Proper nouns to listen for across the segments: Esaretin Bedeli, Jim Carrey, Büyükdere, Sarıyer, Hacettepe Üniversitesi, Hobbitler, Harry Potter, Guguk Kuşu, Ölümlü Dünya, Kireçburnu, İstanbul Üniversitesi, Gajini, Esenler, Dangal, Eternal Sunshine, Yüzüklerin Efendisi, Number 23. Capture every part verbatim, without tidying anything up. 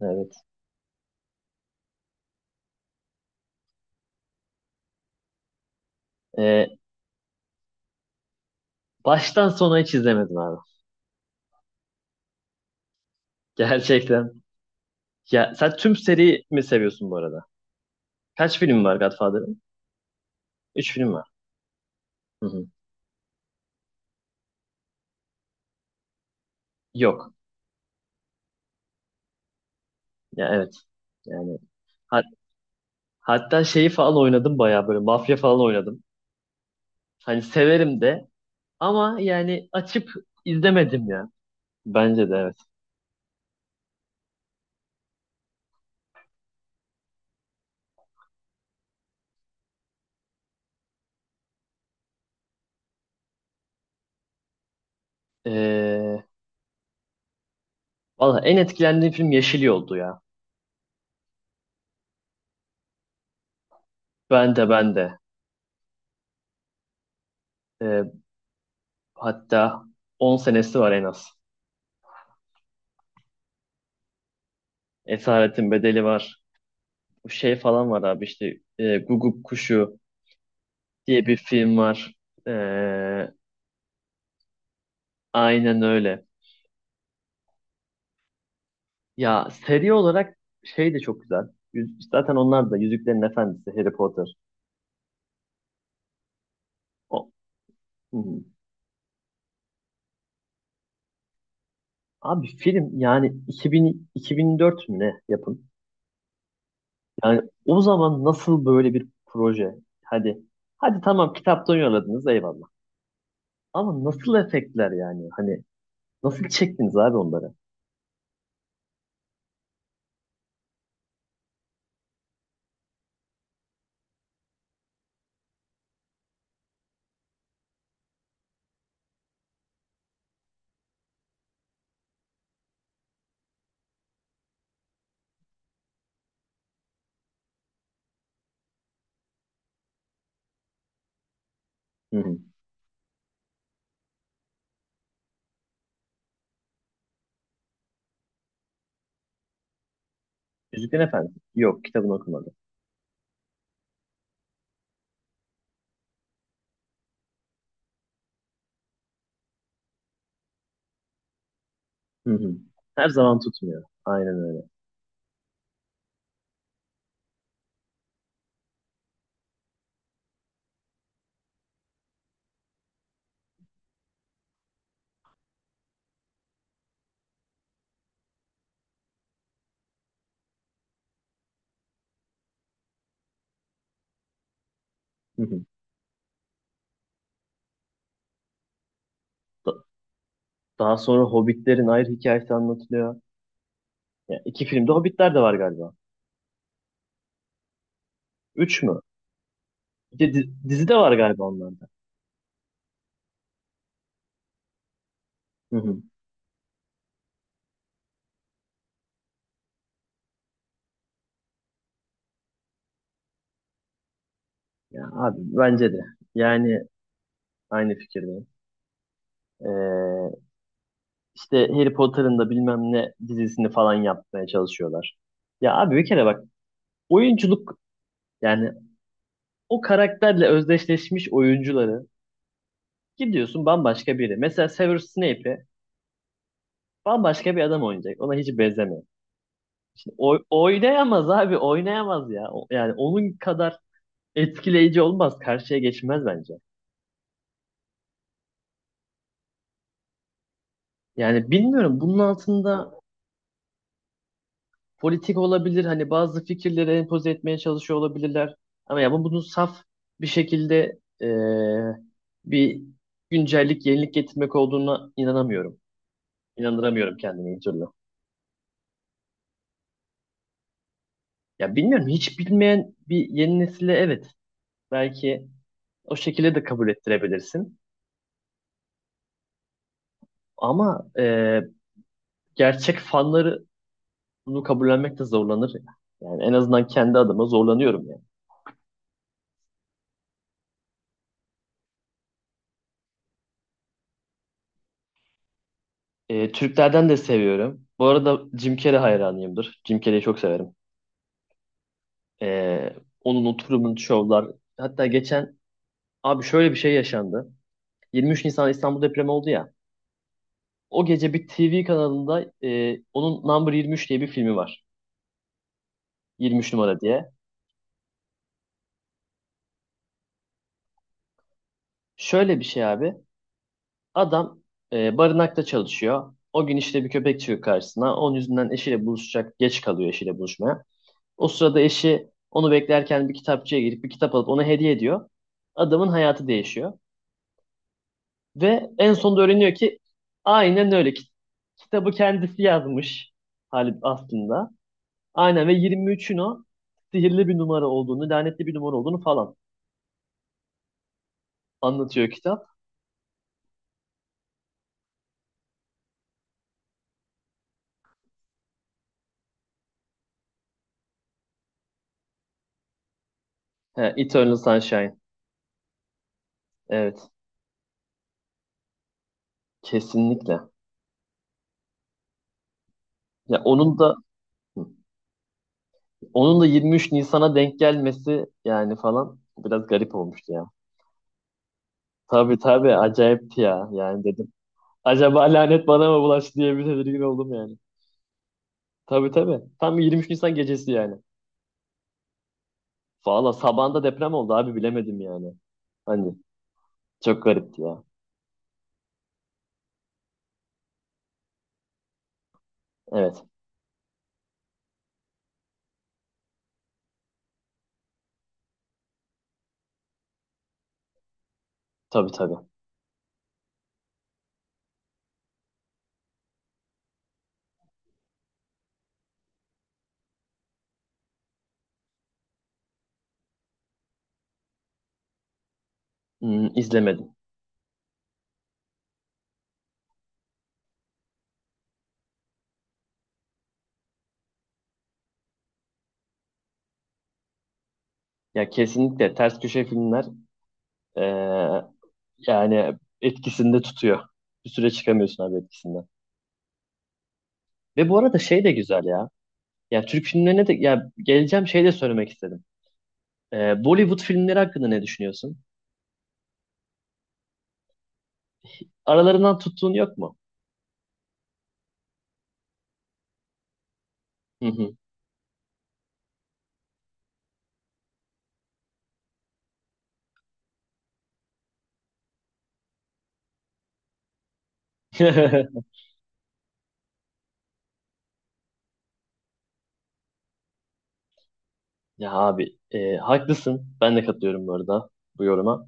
Evet. Ee, baştan sona hiç izlemedim abi. Gerçekten. Ya sen tüm seri mi seviyorsun bu arada? Kaç film var Godfather'ın? Üç film var. Hı hı. Yok. Ya evet. Yani hat- hatta şeyi falan oynadım bayağı böyle mafya falan oynadım. Hani severim de ama yani açıp izlemedim ya. Bence de evet. Ee, valla en etkilendiğim film Yeşil Yol'du ya. Ben de ben de. Ee, hatta on senesi var en az. Esaretin Bedeli var. Şey falan var abi işte e, Guguk Kuşu diye bir film var. E, aynen öyle. Ya seri olarak şey de çok güzel. Yüz- Zaten onlar da Yüzüklerin Efendisi, Harry Potter. O, Hı hı. Abi film yani iki bin, iki bin dört mü ne yapın? Yani o zaman nasıl böyle bir proje? Hadi hadi tamam kitaptan yolladınız eyvallah. Ama nasıl efektler yani? Hani nasıl çektiniz abi onları? Hı hı. Yüzüklerin Efendisi. Yok kitabını okumadım. Hı hı. Her zaman tutmuyor. Aynen öyle. Hı hı. Da- daha sonra Hobbitlerin ayrı hikayesi anlatılıyor. Ya iki filmde Hobbitler de var galiba. Üç mü? Bir de di- dizi de var galiba onlarda. Hı hı. Ya abi bence de. Yani aynı fikirdeyim. Ee, işte Harry Potter'ın da bilmem ne dizisini falan yapmaya çalışıyorlar. Ya abi bir kere bak oyunculuk yani o karakterle özdeşleşmiş oyuncuları gidiyorsun bambaşka biri. Mesela Severus Snape'i bambaşka bir adam oynayacak. Ona hiç benzemiyor. İşte Oy- oynayamaz abi oynayamaz ya. O- Yani onun kadar etkileyici olmaz. Karşıya geçmez bence. Yani bilmiyorum bunun altında politik olabilir. Hani bazı fikirleri empoze etmeye çalışıyor olabilirler. Ama ya bu bunu saf bir şekilde eee, bir güncellik, yenilik getirmek olduğuna inanamıyorum. İnandıramıyorum kendimi bir türlü. Ya bilmiyorum hiç bilmeyen bir yeni nesile evet belki o şekilde de kabul ettirebilirsin. Ama eee, gerçek fanları bunu kabullenmek de zorlanır ya. Yani en azından kendi adıma zorlanıyorum yani. Ee, Türklerden de seviyorum. Bu arada Jim Carrey hayranıyımdır. Jim Carrey'i çok severim. Ee, onun oturumun şovlar. Hatta geçen abi şöyle bir şey yaşandı. yirmi üç Nisan İstanbul depremi oldu ya. O gece bir T V kanalında e, onun Number yirmi üç diye bir filmi var. yirmi üç numara diye. Şöyle bir şey abi. Adam e, barınakta çalışıyor. O gün işte bir köpek çıkıyor karşısına. Onun yüzünden eşiyle buluşacak. Geç kalıyor eşiyle buluşmaya. O sırada eşi onu beklerken bir kitapçıya girip bir kitap alıp ona hediye ediyor. Adamın hayatı değişiyor. Ve en sonunda öğreniyor ki aynen öyle. Ki- Kitabı kendisi yazmış Halip aslında. Aynen ve yirmi üçün o sihirli bir numara olduğunu, lanetli bir numara olduğunu falan anlatıyor kitap. He, Eternal Sunshine. Evet, kesinlikle. Ya onun da onun da yirmi üç Nisan'a denk gelmesi yani falan biraz garip olmuştu ya. Tabii tabii acayipti ya. Yani dedim Acaba lanet bana mı bulaştı diye bir tedirgin oldum yani. Tabii tabii. Tam yirmi üç Nisan gecesi yani. Valla sabahında deprem oldu abi bilemedim yani. Hani çok garipti ya. Evet. Tabii tabii. Hmm, izlemedim. Ya kesinlikle ters köşe filmler eee, yani etkisinde tutuyor. Bir süre çıkamıyorsun abi etkisinden. Ve bu arada şey de güzel ya. Ya Türk filmlerine de ya geleceğim şey de söylemek istedim. Eee, Bollywood filmleri hakkında ne düşünüyorsun? Aralarından tuttuğun yok mu? Hı hı. Ya abi e, haklısın. Ben de katılıyorum bu arada bu yoruma.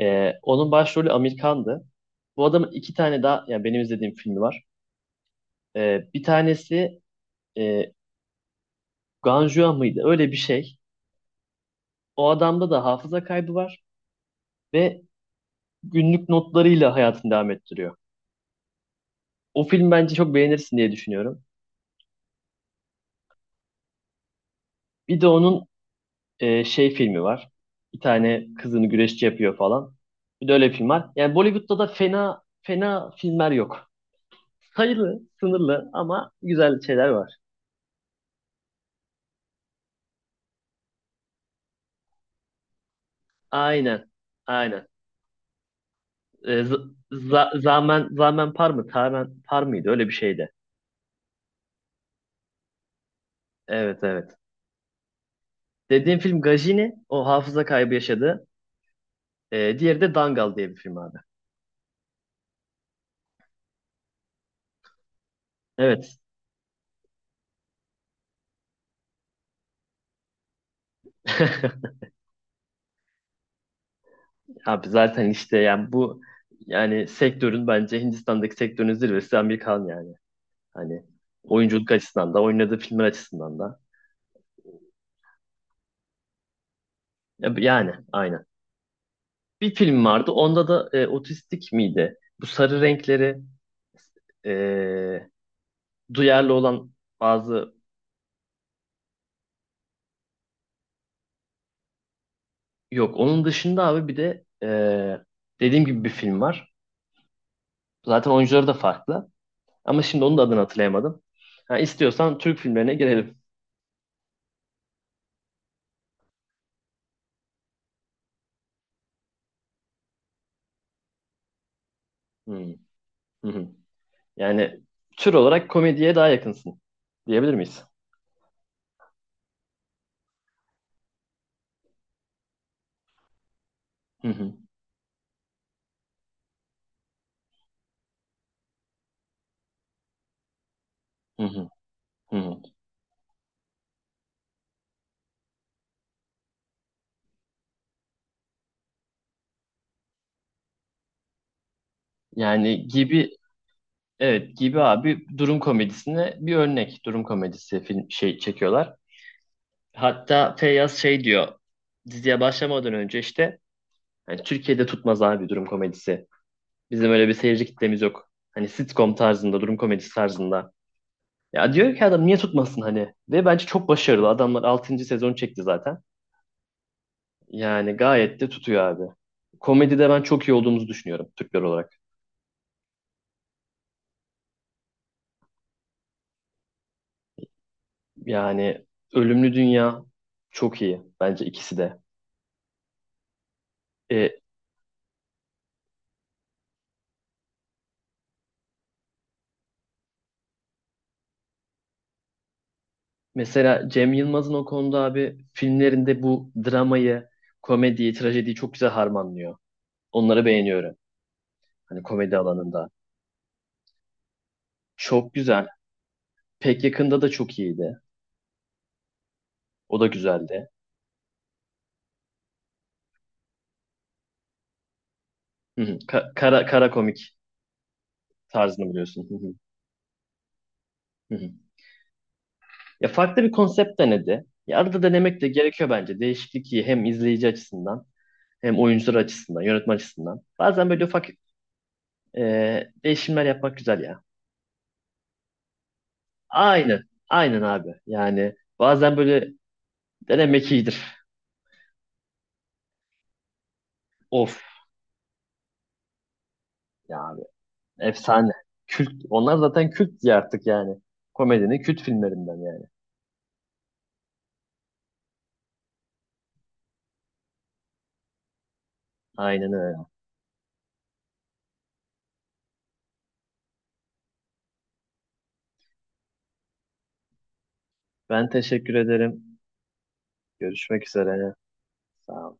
E, onun başrolü Amir Khan'dı. Bu adamın iki tane daha yani benim izlediğim filmi var. E, bir tanesi e, Ganjua mıydı? Öyle bir şey. O adamda da hafıza kaybı var ve günlük notlarıyla hayatını devam ettiriyor. O film bence çok beğenirsin diye düşünüyorum. Bir de onun e, şey filmi var. Bir tane kızını güreşçi yapıyor falan. Bir de öyle bir film var. Yani Bollywood'da da fena fena filmler yok. Sayılı, sınırlı ama güzel şeyler var. Aynen, aynen. Ee, z- za- zamen, zamen par mı? Tamen par mıydı? Öyle bir şeydi. Evet, evet. Dediğim film Gajini, o hafıza kaybı yaşadı. Ee, diğeri de Dangal diye bir film abi. Evet. Abi zaten işte yani bu yani sektörün bence Hindistan'daki sektörün zirvesi Amerikan yani. Hani oyunculuk açısından da oynadığı filmler açısından da. Ya- Yani aynen. Bir film vardı. Onda da e, otistik miydi? Bu sarı renkleri e, duyarlı olan bazı yok. Onun dışında abi bir de e, dediğim gibi bir film var. Zaten oyuncuları da farklı. Ama şimdi onun da adını hatırlayamadım. Ha, istiyorsan Türk filmlerine girelim. Hmm, hı hı. Yani tür olarak komediye daha yakınsın diyebilir miyiz? Hı hı, hı hı, hı hı. Yani gibi evet gibi abi durum komedisine bir örnek durum komedisi film şey çekiyorlar. Hatta Feyyaz şey diyor diziye başlamadan önce işte Yani Türkiye'de tutmaz abi durum komedisi. Bizim öyle bir seyirci kitlemiz yok. Hani sitcom tarzında, durum komedisi tarzında. Ya diyor ki adam niye tutmasın hani? Ve bence çok başarılı. Adamlar altıncı sezon çekti zaten. Yani gayet de tutuyor abi. Komedide ben çok iyi olduğumuzu düşünüyorum Türkler olarak. Yani Ölümlü Dünya çok iyi. Bence ikisi de. E, mesela Cem Yılmaz'ın o konuda abi filmlerinde bu dramayı, komediyi, trajediyi çok güzel harmanlıyor. Onları beğeniyorum. Hani komedi alanında. Çok güzel. Pek yakında da çok iyiydi. O da güzeldi. Hı hı. Ka- kara, kara komik tarzını biliyorsun. Hı hı. Hı hı. Ya farklı bir konsept denedi. Ya arada denemek de gerekiyor bence. Değişiklik iyi hem izleyici açısından hem oyuncular açısından, yönetmen açısından. Bazen böyle ufak e, değişimler yapmak güzel ya. Aynen. Aynen abi. Yani bazen böyle denemek iyidir. Of ya abi. Efsane. Kült. Onlar zaten kült diye artık yani. Komedinin kült filmlerinden yani. Aynen öyle. Ben teşekkür ederim. Görüşmek üzere. Sağ ol.